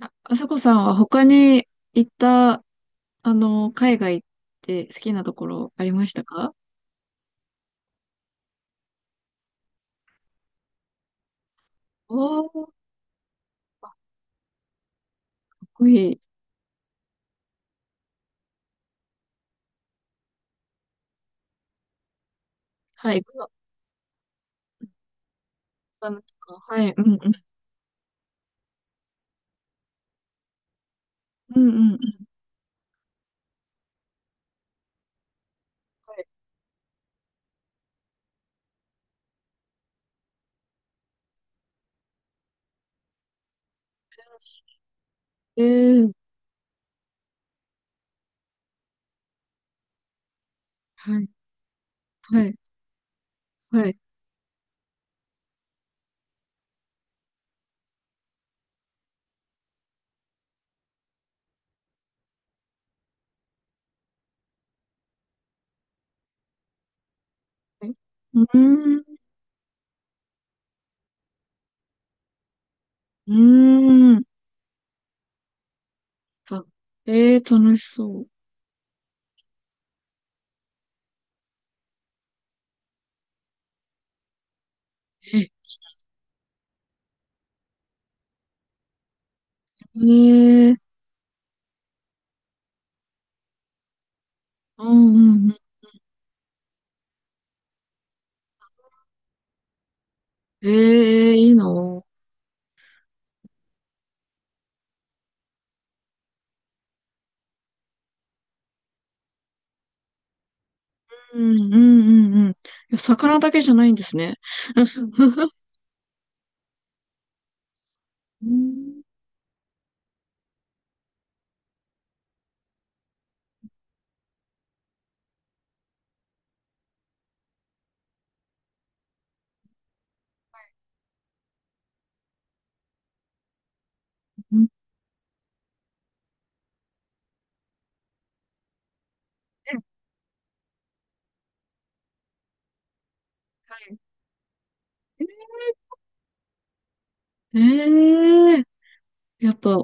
あ、あさこさんは他に行った、海外って好きなところありましたか？おー、かっこいい。はい、グアムとか、はい、うん、うん、うん、うん、うん。はい。えー、はい、はい、はい。はい。うーん、うーん。あ、えー、楽しそう。え、えー、うん、うん、うん。えー、いいの。うん、うん、うん、うん。いや、魚だけじゃないんですね。うん、うん、うん。はい。ええ、やっぱ、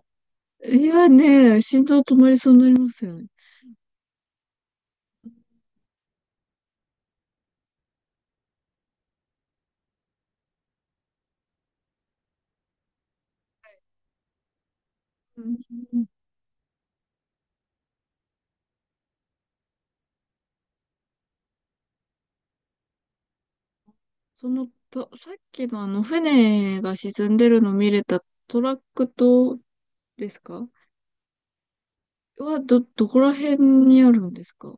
いやね、心臓止まりそうになりますよね。うん。そのと、さっきのあの船が沈んでるの見れたトラック島ですか？は、どこら辺にあるんですか？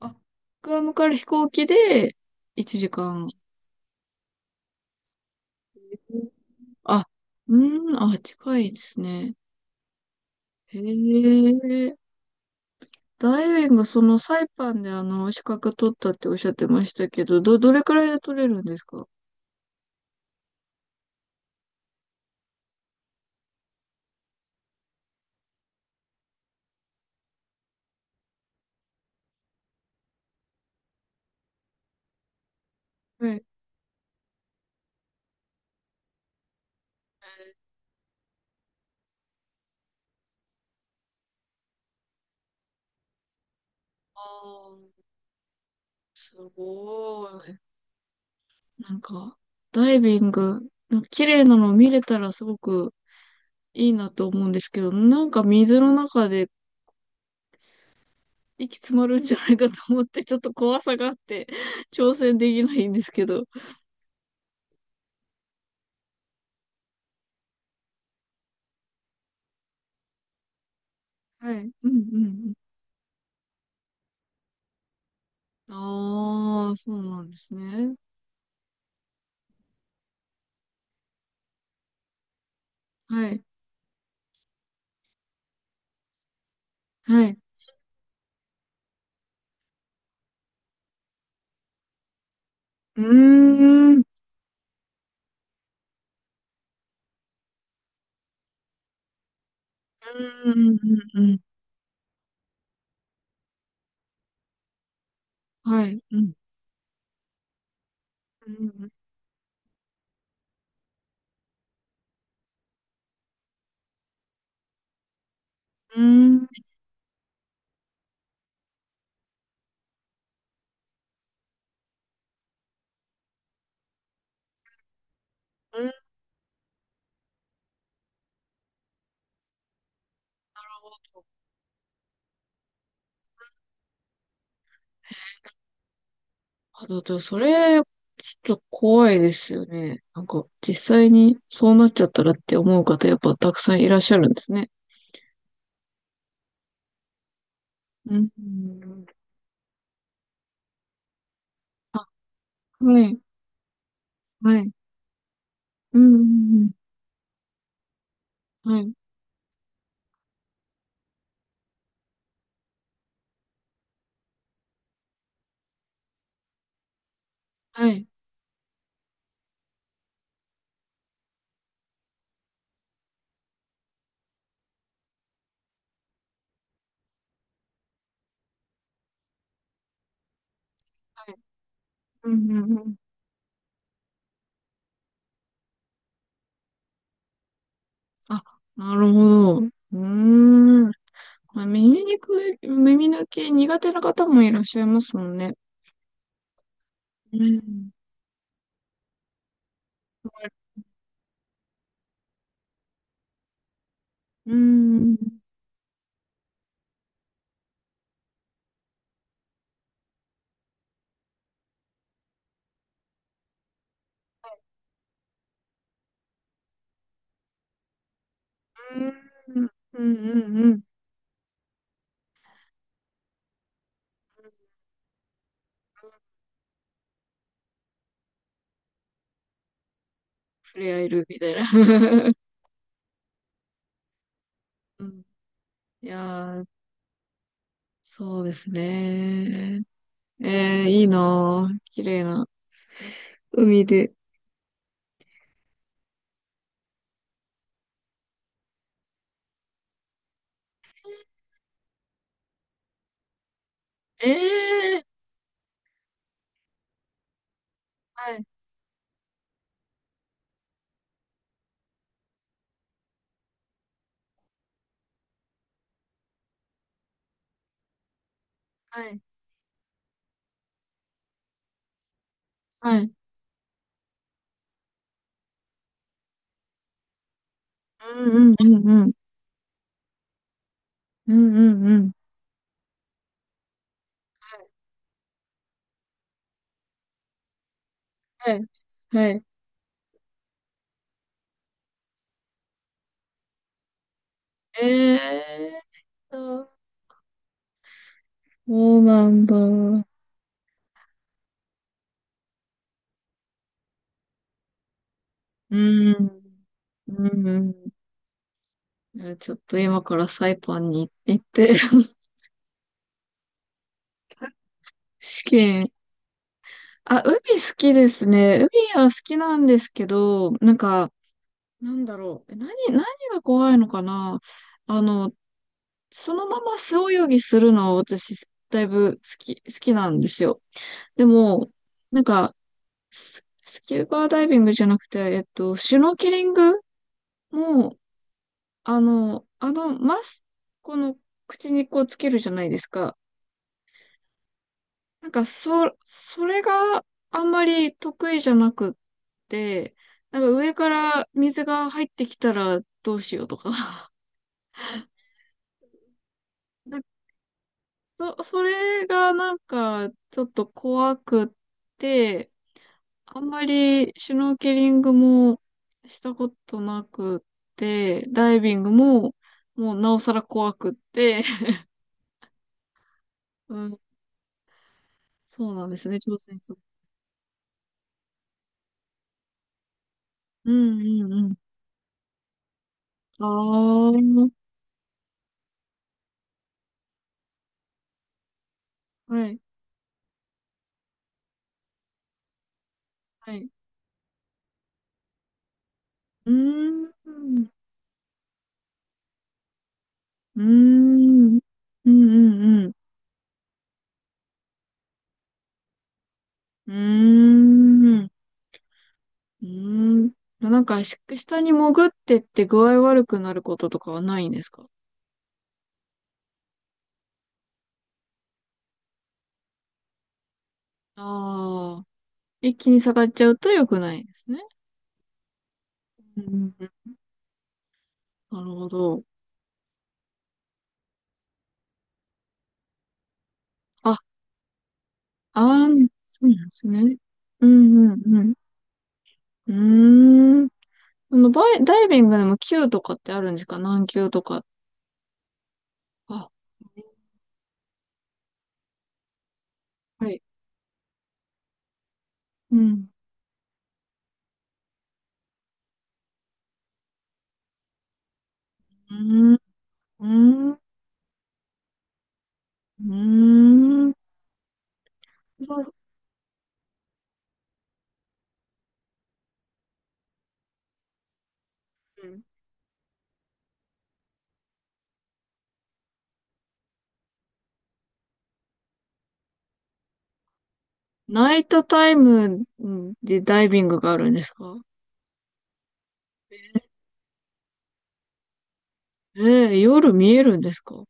あ、グアムから飛行機で1時間。あ、うん、あ、近いですね。へえ。ダイビング、そのサイパンであの資格取ったっておっしゃってましたけど、どれくらいで取れるんですか？はい。あー、すごい。なんか、ダイビング、なんか綺麗なの見れたらすごくいいなと思うんですけど、なんか水の中で息詰まるんじゃないかと思って、ちょっと怖さがあって、挑戦できないんですけど。はい。うん、うん、うん。ああ、そうなんですね。はい。はい。うーん。うん。うん、うん、うん。はい。うん。うん。うん。うん、なるほど。あ、だってそれ、ちょっと怖いですよね。なんか、実際にそうなっちゃったらって思う方、やっぱたくさんいらっしゃるんですね。うん。あ、はい、はい。うん、うん、うん、はい、はい、はい。うん、うん、うん。あ、なるほど。うーん。まあ、耳にくい、耳抜き苦手な方もいらっしゃいますもんね。うん。うん。うん。うん。うん。うん、触れ合えるみたいな。うん。いやー、そうですね。えー、いいなぁ。綺麗な海で。ええー。はい、はい、はい。うん、うん、うん、うん。うん、うん、うん。はい、はい。ええー、そうなんだ。うん、うん、うん。えー、ちょっと今からサイパンに行って 試験。あ、海好きですね。海は好きなんですけど、なんか、なんだろう。え、何が怖いのかな。あの、そのまま素泳ぎするのは私、だいぶ好きなんですよ。でも、なんか、スキューバーダイビングじゃなくて、えっと、シュノーケリングも、マスクの口にこうつけるじゃないですか。なんか、それがあんまり得意じゃなくって、なんか上から水が入ってきたらどうしようとか。なんかそれがなんか、ちょっと怖くって、あんまりシュノーケリングもしたことなくって、ダイビングももうなおさら怖くって、うん、そうなんですね、挑戦する。うん、うん、うん。ああ、はい、はい。うーん、うーん、うん、うん、うん。うーん、うーん。なんか、下に潜ってって具合悪くなることとかはないんですか？あ、あー、一気に下がっちゃうと良くないですね。うん、なるほど。あ、あー、そうなんですね。うん、うん、うん。うーん。そのダイビングでも級とかってあるんですか？何級とか。あ、はい。うん。うーん。うーん。うーん。そう。うん。ナイトタイムでダイビングがあるんですか？えー、夜見えるんですか？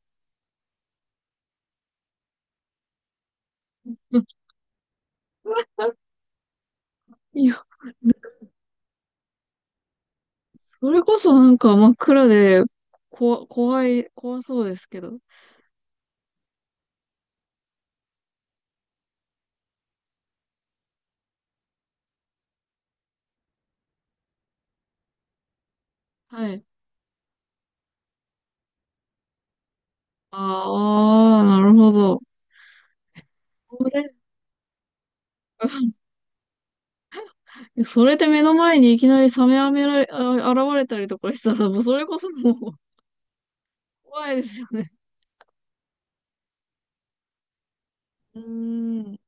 うん。あ、いや、それこそなんか真っ暗で、怖い、怖そうですけど。はい。ああ、なるほど。そうですか？ それで目の前にいきなりサメあめられ、あ、現れたりとかしたら、もうそれこそもう 怖いですよね。うーん。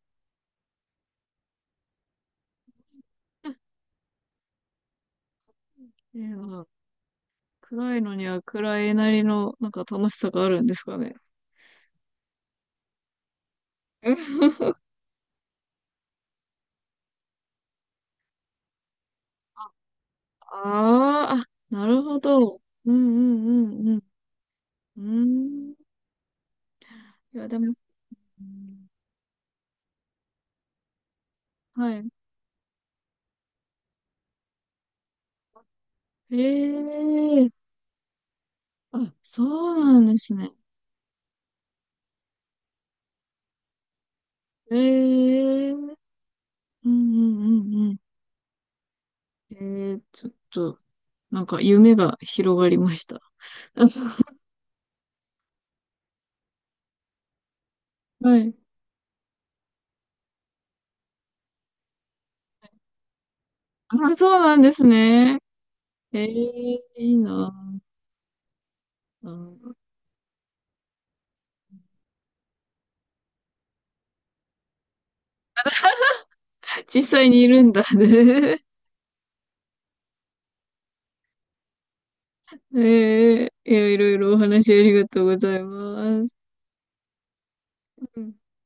ええ、暗いのには暗いなりの、なんか楽しさがあるんですかね。あーあ、なるほど。うん、うん、うん、うん。うーん。いや、でも、うん。はい。ええ。あ、そうなんですね。ええ。うん、うん、うん、うん。ええ、ちょっと、なんか夢が広がりました。はい。あ、そうなんですね。ええ、いいな。小実際にいるんだね。ええ、いや、いろいろお話ありがとうございます。うん